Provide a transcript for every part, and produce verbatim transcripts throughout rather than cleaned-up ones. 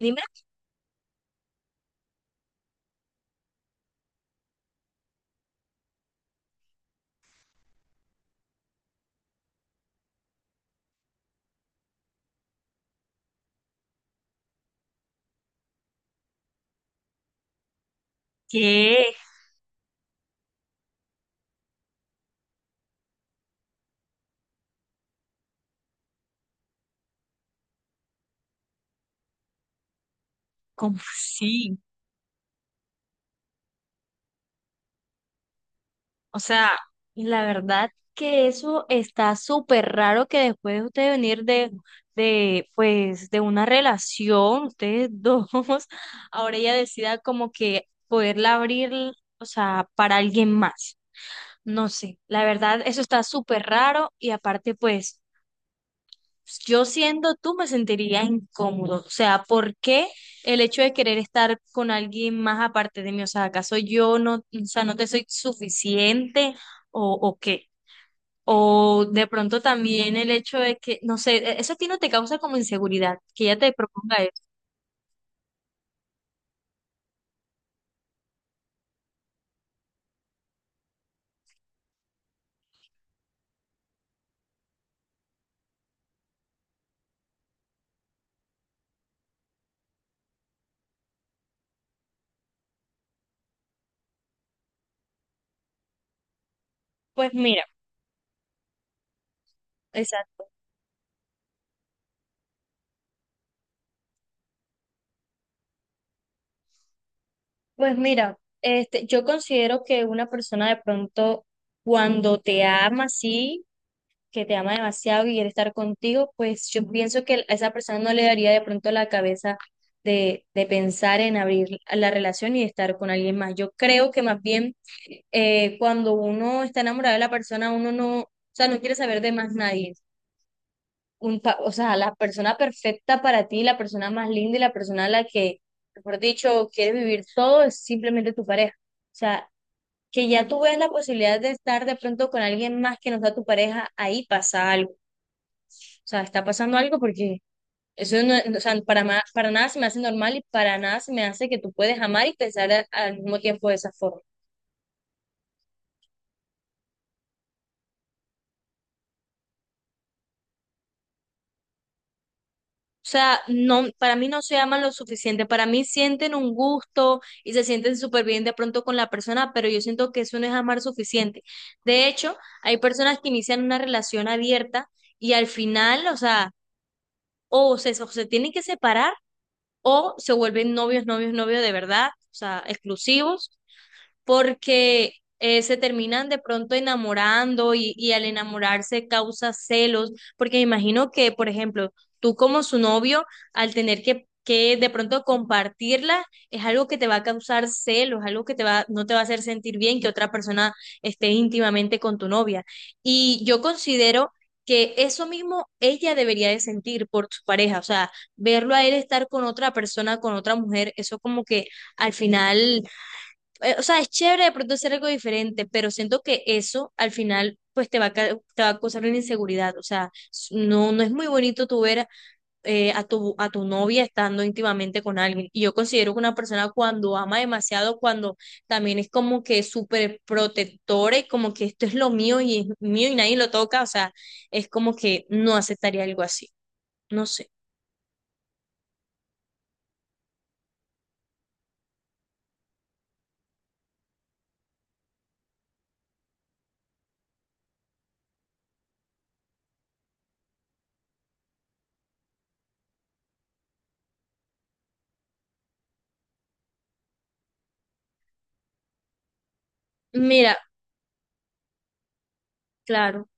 Dime qué, ¿cómo sí? O sea, la verdad que eso está súper raro que después de usted venir de, de, pues, de una relación, ustedes dos, ahora ella decida como que poderla abrir, o sea, para alguien más. No sé, la verdad, eso está súper raro y aparte, pues, pues, yo siendo tú me sentiría incómodo. O sea, ¿por qué el hecho de querer estar con alguien más aparte de mí? O sea, ¿acaso yo no, o sea, no te soy suficiente o, o qué? O de pronto también el hecho de que, no sé, e- eso a ti no te causa como inseguridad, que ella te proponga eso. Pues mira, exacto. Pues mira, este, yo considero que una persona de pronto cuando te ama, sí. Que te ama demasiado, que quiere estar contigo, pues yo pienso que a esa persona no le daría de pronto la cabeza de, de pensar en abrir la relación y estar con alguien más. Yo creo que más bien eh, cuando uno está enamorado de la persona, uno no, o sea, no quiere saber de más nadie. Un pa- o sea, la persona perfecta para ti, la persona más linda y la persona a la que, mejor dicho, quieres vivir todo es simplemente tu pareja. O sea, que ya tú ves la posibilidad de estar de pronto con alguien más que no sea tu pareja, ahí pasa algo. O sea, está pasando algo porque eso no, o sea, para, ma- para nada se me hace normal y para nada se me hace que tú puedes amar y pensar a- al mismo tiempo de esa forma. O sea, no, para mí no se aman lo suficiente, para mí sienten un gusto y se sienten súper bien de pronto con la persona, pero yo siento que eso no es amar suficiente. De hecho, hay personas que inician una relación abierta y al final, o sea, o se, o se tienen que separar o se vuelven novios, novios, novios de verdad, o sea, exclusivos porque eh, se terminan de pronto enamorando y, y al enamorarse causa celos, porque me imagino que, por ejemplo, tú como su novio, al tener que, que de pronto compartirla, es algo que te va a causar celos, algo que te va, no te va a hacer sentir bien que otra persona esté íntimamente con tu novia. Y yo considero que eso mismo ella debería de sentir por su pareja, o sea, verlo a él estar con otra persona, con otra mujer, eso como que al final eh, o sea, es chévere de pronto hacer algo diferente, pero siento que eso al final pues te va a, ca- te va a causar una inseguridad, o sea, s- no, no es muy bonito tú ver eh, a tu, a tu novia estando íntimamente con alguien. Y yo considero que una persona cuando ama demasiado, cuando también es como que súper protectora y como que esto es lo mío y es mío y nadie lo toca, o sea, es como que no aceptaría algo así, no sé. Mira, claro,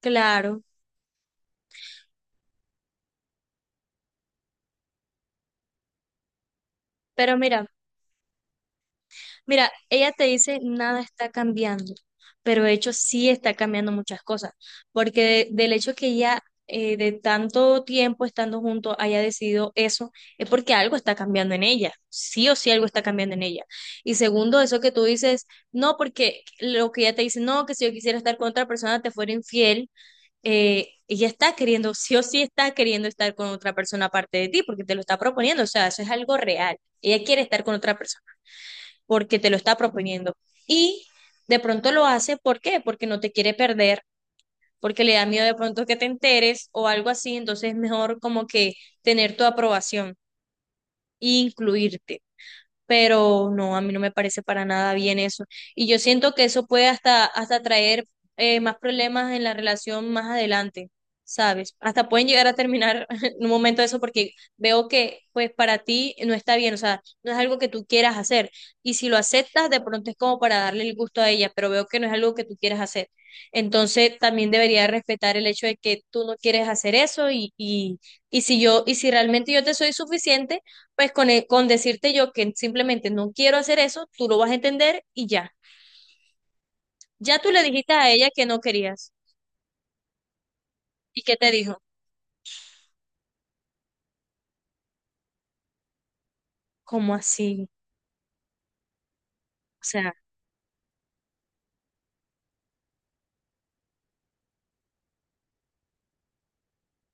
claro, pero mira. Mira, ella te dice nada está cambiando, pero de hecho sí está cambiando muchas cosas, porque de- del hecho que ella eh, de tanto tiempo estando juntos haya decidido eso, es porque algo está cambiando en ella, sí o sí algo está cambiando en ella. Y segundo, eso que tú dices, no, porque lo que ella te dice, no, que si yo quisiera estar con otra persona te fuera infiel, eh, ella está queriendo, sí o sí está queriendo estar con otra persona aparte de ti, porque te lo está proponiendo, o sea, eso es algo real, ella quiere estar con otra persona porque te lo está proponiendo. Y de pronto lo hace, ¿por qué? Porque no te quiere perder, porque le da miedo de pronto que te enteres o algo así, entonces es mejor como que tener tu aprobación e incluirte, pero no, a mí no me parece para nada bien eso. Y yo siento que eso puede hasta, hasta traer eh, más problemas en la relación más adelante, ¿sabes? Hasta pueden llegar a terminar en un momento eso porque veo que pues para ti no está bien, o sea, no es algo que tú quieras hacer. Y si lo aceptas, de pronto es como para darle el gusto a ella, pero veo que no es algo que tú quieras hacer. Entonces también debería respetar el hecho de que tú no quieres hacer eso y, y, y si yo, y si realmente yo te soy suficiente pues con, e- con decirte yo que simplemente no quiero hacer eso, tú lo vas a entender y ya. Ya tú le dijiste a ella que no querías. ¿Y qué te dijo? ¿Cómo así? O sea,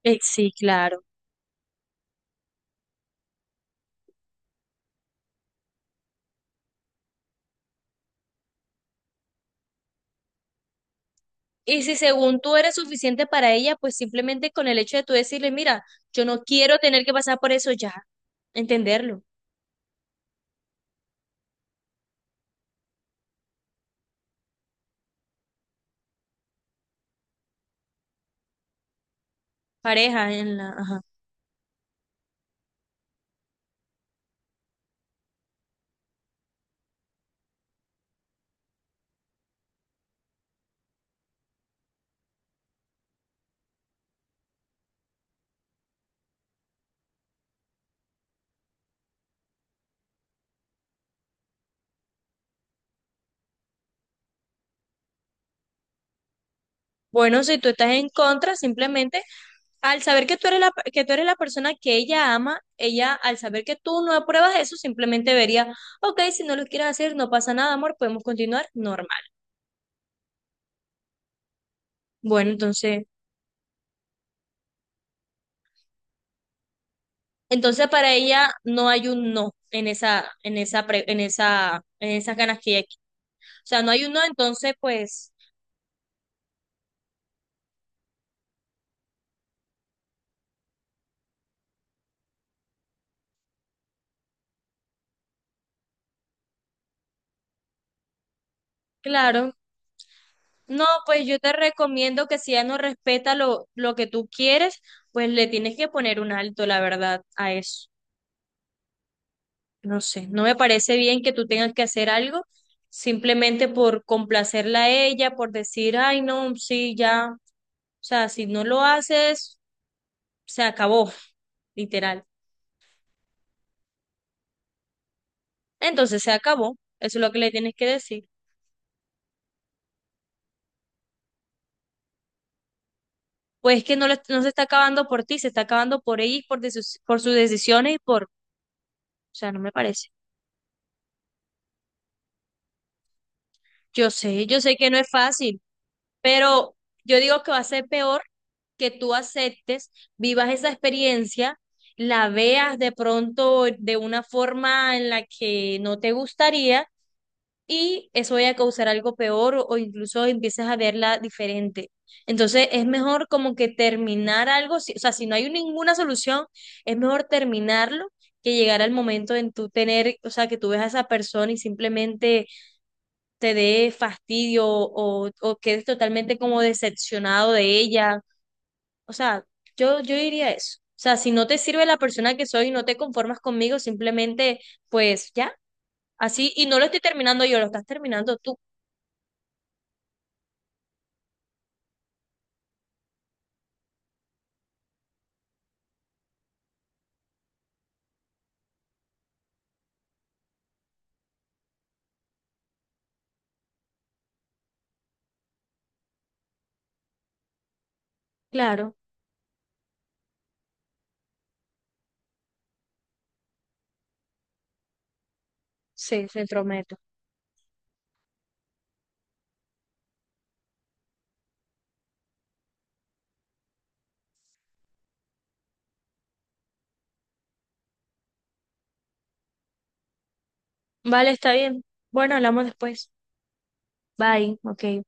eh, sí, claro. Y si según tú eres suficiente para ella, pues simplemente con el hecho de tú decirle, mira, yo no quiero tener que pasar por eso ya, entenderlo. Pareja en la, ajá. Bueno, si tú estás en contra, simplemente al saber que tú eres la, que tú eres la persona que ella ama, ella al saber que tú no apruebas eso, simplemente vería, ok, si no lo quieres hacer, no pasa nada, amor, podemos continuar normal. Bueno, entonces, entonces para ella no hay un no en esa, en esa, pre- en esa, en esas ganas que ella quiere. O sea, no hay un no, entonces, pues, claro. No, pues yo te recomiendo que si ella no respeta lo, lo que tú quieres, pues le tienes que poner un alto, la verdad, a eso. No sé, no me parece bien que tú tengas que hacer algo simplemente por complacerla a ella, por decir, ay, no, sí, ya. O sea, si no lo haces, se acabó, literal. Entonces se acabó. Eso es lo que le tienes que decir. Pues es que no, le- no se está acabando por ti, se está acabando por ella y por, de sus, por sus decisiones y por... O sea, no me parece. Yo sé, yo sé que no es fácil. Pero yo digo que va a ser peor que tú aceptes, vivas esa experiencia, la veas de pronto de una forma en la que no te gustaría y eso vaya a causar algo peor o, o incluso empieces a verla diferente. Entonces es mejor como que terminar algo, si- o sea, si no hay ninguna solución, es mejor terminarlo que llegar al momento en tú tener, o sea, que tú ves a esa persona y simplemente te dé fastidio o, o quedes totalmente como decepcionado de ella. O sea, yo, yo diría eso. O sea, si no te sirve la persona que soy y no te conformas conmigo, simplemente, pues ya, así. Y no lo estoy terminando yo, lo estás terminando tú. Claro, sí, se entrometo. Vale, está bien. Bueno, hablamos después. Bye, ok.